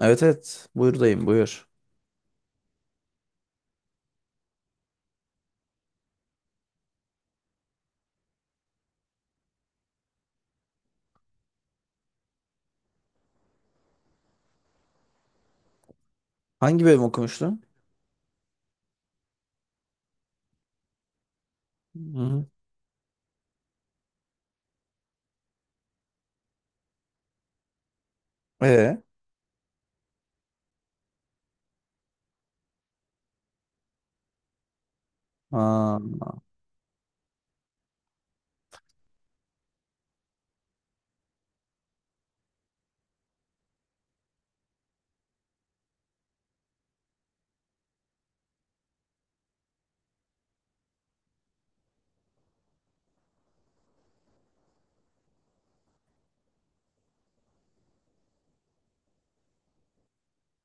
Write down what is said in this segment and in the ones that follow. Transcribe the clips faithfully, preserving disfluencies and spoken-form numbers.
Evet evet. Buyurdayım buyur. Hangi bölüm okumuştun? Hı-hı. Ee? Aa,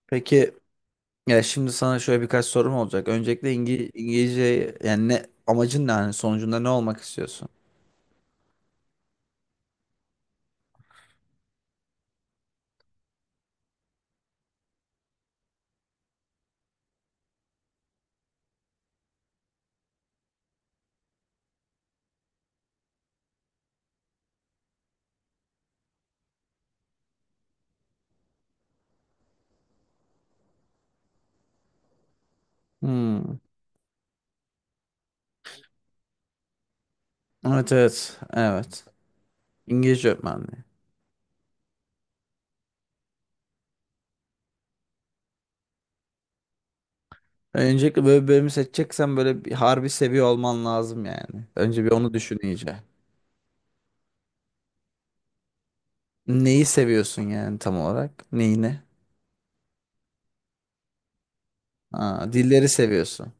peki ya şimdi sana şöyle birkaç sorum olacak. Öncelikle İngi- İngilizce yani ne amacın ne hani sonucunda ne olmak istiyorsun? Hmm. Evet evet. Evet. İngilizce öğretmenliği. Öncelikle böyle bir bölümü seçeceksen böyle bir harbi seviyor olman lazım yani. Önce bir onu düşün iyice. Neyi seviyorsun yani tam olarak? Neyini? Aa, dilleri seviyorsun.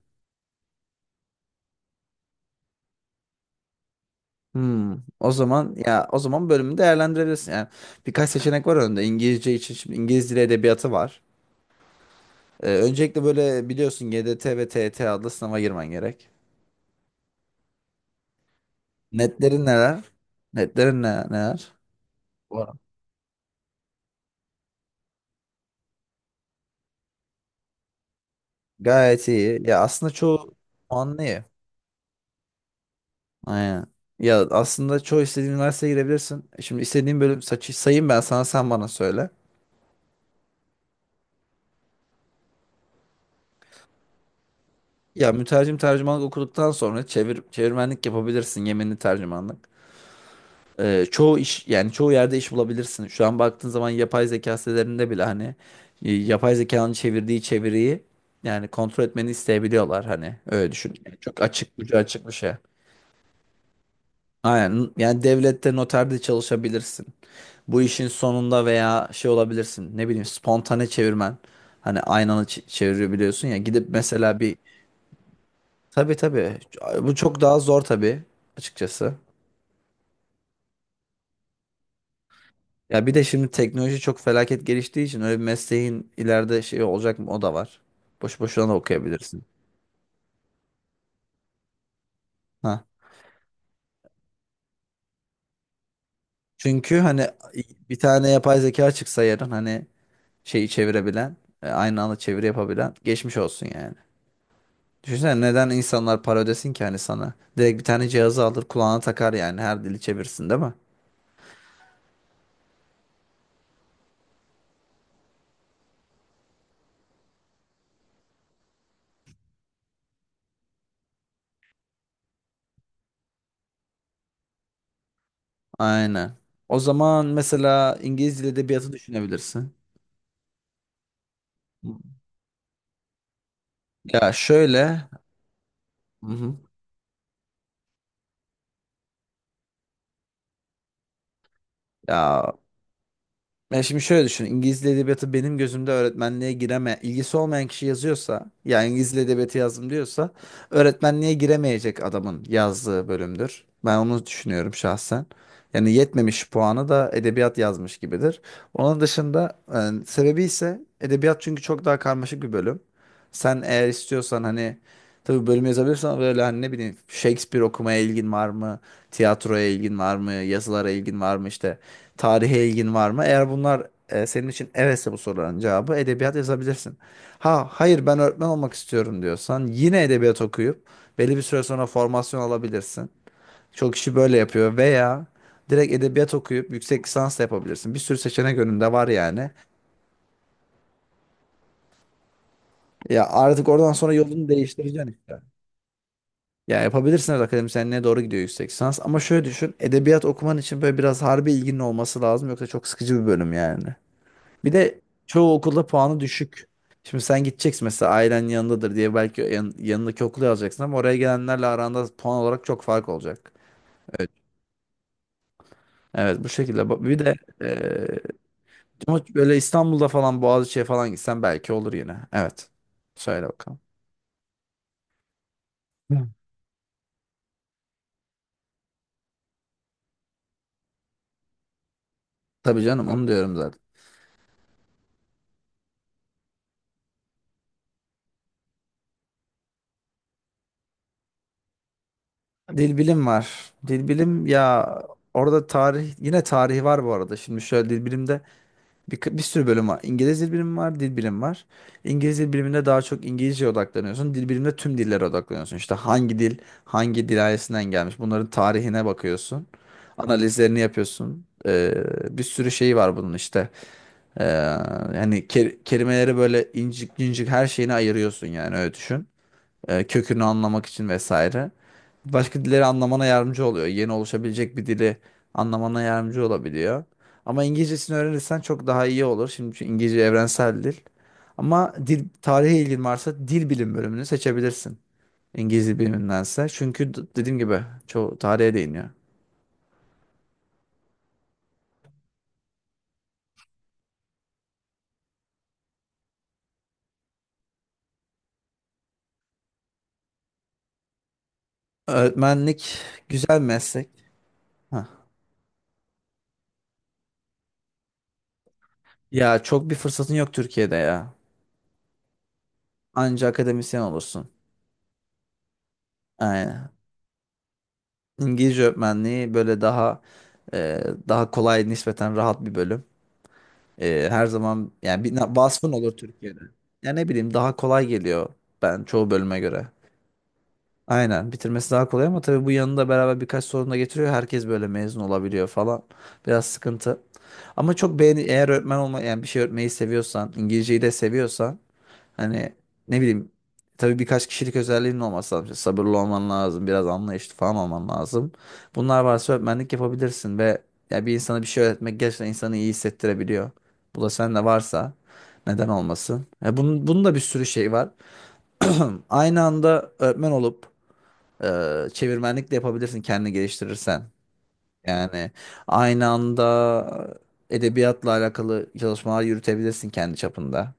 Hmm, o zaman ya o zaman bölümü değerlendirebilirsin. Yani birkaç seçenek var önünde. İngilizce için şimdi İngiliz dili edebiyatı var. Ee, öncelikle böyle biliyorsun G D T ve T E T adlı sınava girmen gerek. Netlerin neler? Netlerin ne, neler? Var. Gayet iyi. Ya aslında çoğu puanlı iyi. Aynen. Ya aslında çoğu istediğin üniversiteye girebilirsin. Şimdi istediğin bölüm saçı sayayım ben sana sen bana söyle. Ya mütercim tercümanlık okuduktan sonra çevir çevirmenlik yapabilirsin, yeminli tercümanlık. Ee, çoğu iş, yani çoğu yerde iş bulabilirsin. Şu an baktığın zaman yapay zeka sitelerinde bile hani e, yapay zekanın çevirdiği çeviriyi yani kontrol etmeni isteyebiliyorlar, hani öyle düşün. Yani çok açık, ucu açık bir şey. Aynen, yani devlette noterde çalışabilirsin. Bu işin sonunda veya şey olabilirsin, ne bileyim, spontane çevirmen. Hani aynanı ç- çevirebiliyorsun ya, gidip mesela bir, tabii tabii, bu çok daha zor tabii açıkçası. Ya bir de şimdi teknoloji çok felaket geliştiği için öyle bir mesleğin ileride şey olacak mı, o da var. Boş boşuna da okuyabilirsin. Ha. Çünkü hani bir tane yapay zeka çıksa yarın, hani şeyi çevirebilen, e, aynı anda çeviri yapabilen, geçmiş olsun yani. Düşünsene neden insanlar para ödesin ki hani sana? Direkt bir tane cihazı alır kulağına takar, yani her dili çevirsin değil mi? Aynen. O zaman mesela İngiliz dil edebiyatı düşünebilirsin. Ya şöyle, hı hı, ya Ben şimdi şöyle düşün. İngiliz Dili Edebiyatı benim gözümde öğretmenliğe gireme, ilgisi olmayan kişi yazıyorsa, yani İngiliz Dili Edebiyatı yazdım diyorsa, öğretmenliğe giremeyecek adamın yazdığı bölümdür. Ben onu düşünüyorum şahsen. Yani yetmemiş puanı da edebiyat yazmış gibidir. Onun dışında e, sebebi ise edebiyat çünkü çok daha karmaşık bir bölüm. Sen eğer istiyorsan hani tabii bölüm yazabilirsen, böyle hani ne bileyim, Shakespeare okumaya ilgin var mı? Tiyatroya ilgin var mı? Yazılara ilgin var mı işte? Tarihe ilgin var mı? Eğer bunlar e, senin için evetse, bu soruların cevabı edebiyat yazabilirsin. Ha hayır ben öğretmen olmak istiyorum diyorsan yine edebiyat okuyup belli bir süre sonra formasyon alabilirsin. Çok kişi böyle yapıyor veya direkt edebiyat okuyup yüksek lisans da yapabilirsin. Bir sürü seçenek önünde var yani. Ya artık oradan sonra yolunu değiştireceksin işte. Ya yapabilirsin, evet akademisyenliğe doğru gidiyor yüksek lisans, ama şöyle düşün, edebiyat okuman için böyle biraz harbi ilginin olması lazım, yoksa çok sıkıcı bir bölüm yani. Bir de çoğu okulda puanı düşük. Şimdi sen gideceksin mesela ailen yanındadır diye belki yan- yanındaki okulu alacaksın ama oraya gelenlerle aranda puan olarak çok fark olacak. Evet, evet bu şekilde. Bak, bir de eee, ama böyle İstanbul'da falan Boğaziçi'ye falan gitsen belki olur yine. Evet. Söyle bakalım. Hı. Tabii canım, onu diyorum zaten. Dil bilim var. Dil bilim, ya orada tarih, yine tarihi var bu arada. Şimdi şöyle, dil bilimde Bir, bir sürü bölüm var. İngiliz dil bilimi var, dil bilimi var. İngiliz dil biliminde daha çok İngilizceye odaklanıyorsun. Dil biliminde tüm dillere odaklanıyorsun. İşte hangi dil, hangi dil ailesinden gelmiş. Bunların tarihine bakıyorsun. Analizlerini yapıyorsun. Ee, bir sürü şeyi var bunun işte. Ee, Yani ke- kelimeleri böyle incik incik her şeyini ayırıyorsun, yani öyle düşün, e, kökünü anlamak için vesaire. Başka dilleri anlamana yardımcı oluyor. Yeni oluşabilecek bir dili anlamana yardımcı olabiliyor. Ama İngilizcesini öğrenirsen çok daha iyi olur. Şimdi çünkü İngilizce evrensel dil. Ama dil tarihe ilgin varsa dil bilim bölümünü seçebilirsin. İngilizce bilimindense. Çünkü d- dediğim gibi çoğu tarihe değiniyor. Öğretmenlik güzel meslek. Hah. Ya çok bir fırsatın yok Türkiye'de ya. Anca akademisyen olursun. Aynen. İngilizce öğretmenliği böyle daha, Ee, daha kolay, nispeten rahat bir bölüm. Ee, her zaman yani bir na- vasfın olur Türkiye'de. Ya ne bileyim, daha kolay geliyor ben çoğu bölüme göre. Aynen, bitirmesi daha kolay ama tabii bu yanında beraber birkaç sorun da getiriyor. Herkes böyle mezun olabiliyor falan. Biraz sıkıntı. Ama çok beğeni, eğer öğretmen olma, yani bir şey öğretmeyi seviyorsan, İngilizceyi de seviyorsan, hani ne bileyim, tabii birkaç kişilik özelliğinin olması lazım. İşte sabırlı olman lazım, biraz anlayışlı falan olman lazım. Bunlar varsa öğretmenlik yapabilirsin ve ya bir insana bir şey öğretmek gerçekten insanı iyi hissettirebiliyor. Bu da sende varsa neden olmasın? Ya bunun, bunun da bir sürü şey var. Aynı anda öğretmen olup e, çevirmenlik de yapabilirsin kendini geliştirirsen. Yani aynı anda edebiyatla alakalı çalışmalar yürütebilirsin kendi çapında.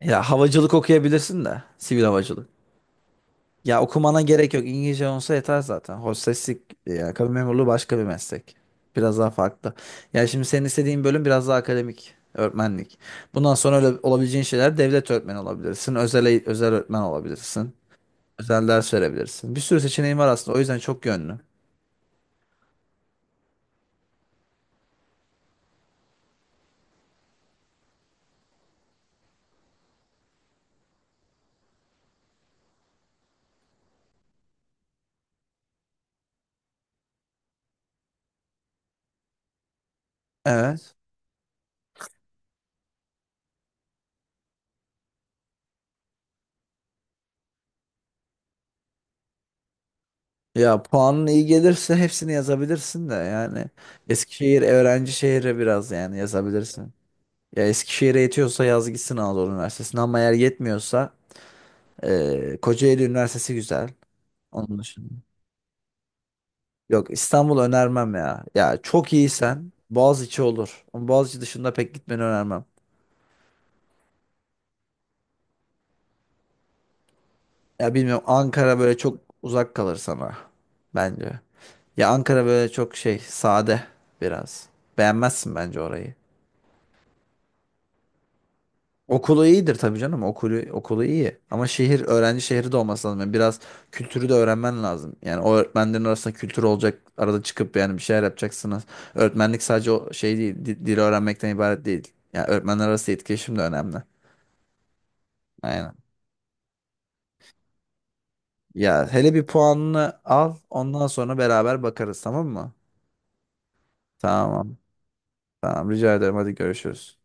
Ya havacılık okuyabilirsin de. Sivil havacılık. Ya okumana gerek yok. İngilizce olsa yeter zaten. Hosteslik ya kabin memurluğu başka bir meslek. Biraz daha farklı. Ya şimdi senin istediğin bölüm biraz daha akademik. Öğretmenlik. Bundan sonra öyle olabileceğin şeyler, devlet öğretmeni olabilirsin. Özel, e, özel öğretmen olabilirsin. Özel ders verebilirsin. Bir sürü seçeneğin var aslında. O yüzden çok yönlü. Evet. Ya puanın iyi gelirse hepsini yazabilirsin de yani. Eskişehir öğrenci şehri biraz, yani yazabilirsin. Ya Eskişehir'e yetiyorsa yaz gitsin Anadolu Üniversitesi'ne, ama eğer yetmiyorsa eee Kocaeli Üniversitesi güzel. Onun dışında. Yok, İstanbul önermem ya. Ya çok iyiysen Boğaziçi olur. Ama Boğaziçi dışında pek gitmeni önermem. Ya bilmiyorum, Ankara böyle çok uzak kalır sana bence. Ya Ankara böyle çok şey, sade biraz. Beğenmezsin bence orayı. Okulu iyidir tabii canım. Okulu okulu iyi. Ama şehir öğrenci şehri de olması lazım. Yani biraz kültürü de öğrenmen lazım. Yani o öğretmenlerin arasında kültür olacak. Arada çıkıp yani bir şeyler yapacaksınız. Öğretmenlik sadece o şey değil. di- Dili öğrenmekten ibaret değil. Yani öğretmenler arası etkileşim de önemli. Aynen. Ya hele bir puanını al. Ondan sonra beraber bakarız tamam mı? Tamam. Tamam rica ederim. Hadi görüşürüz.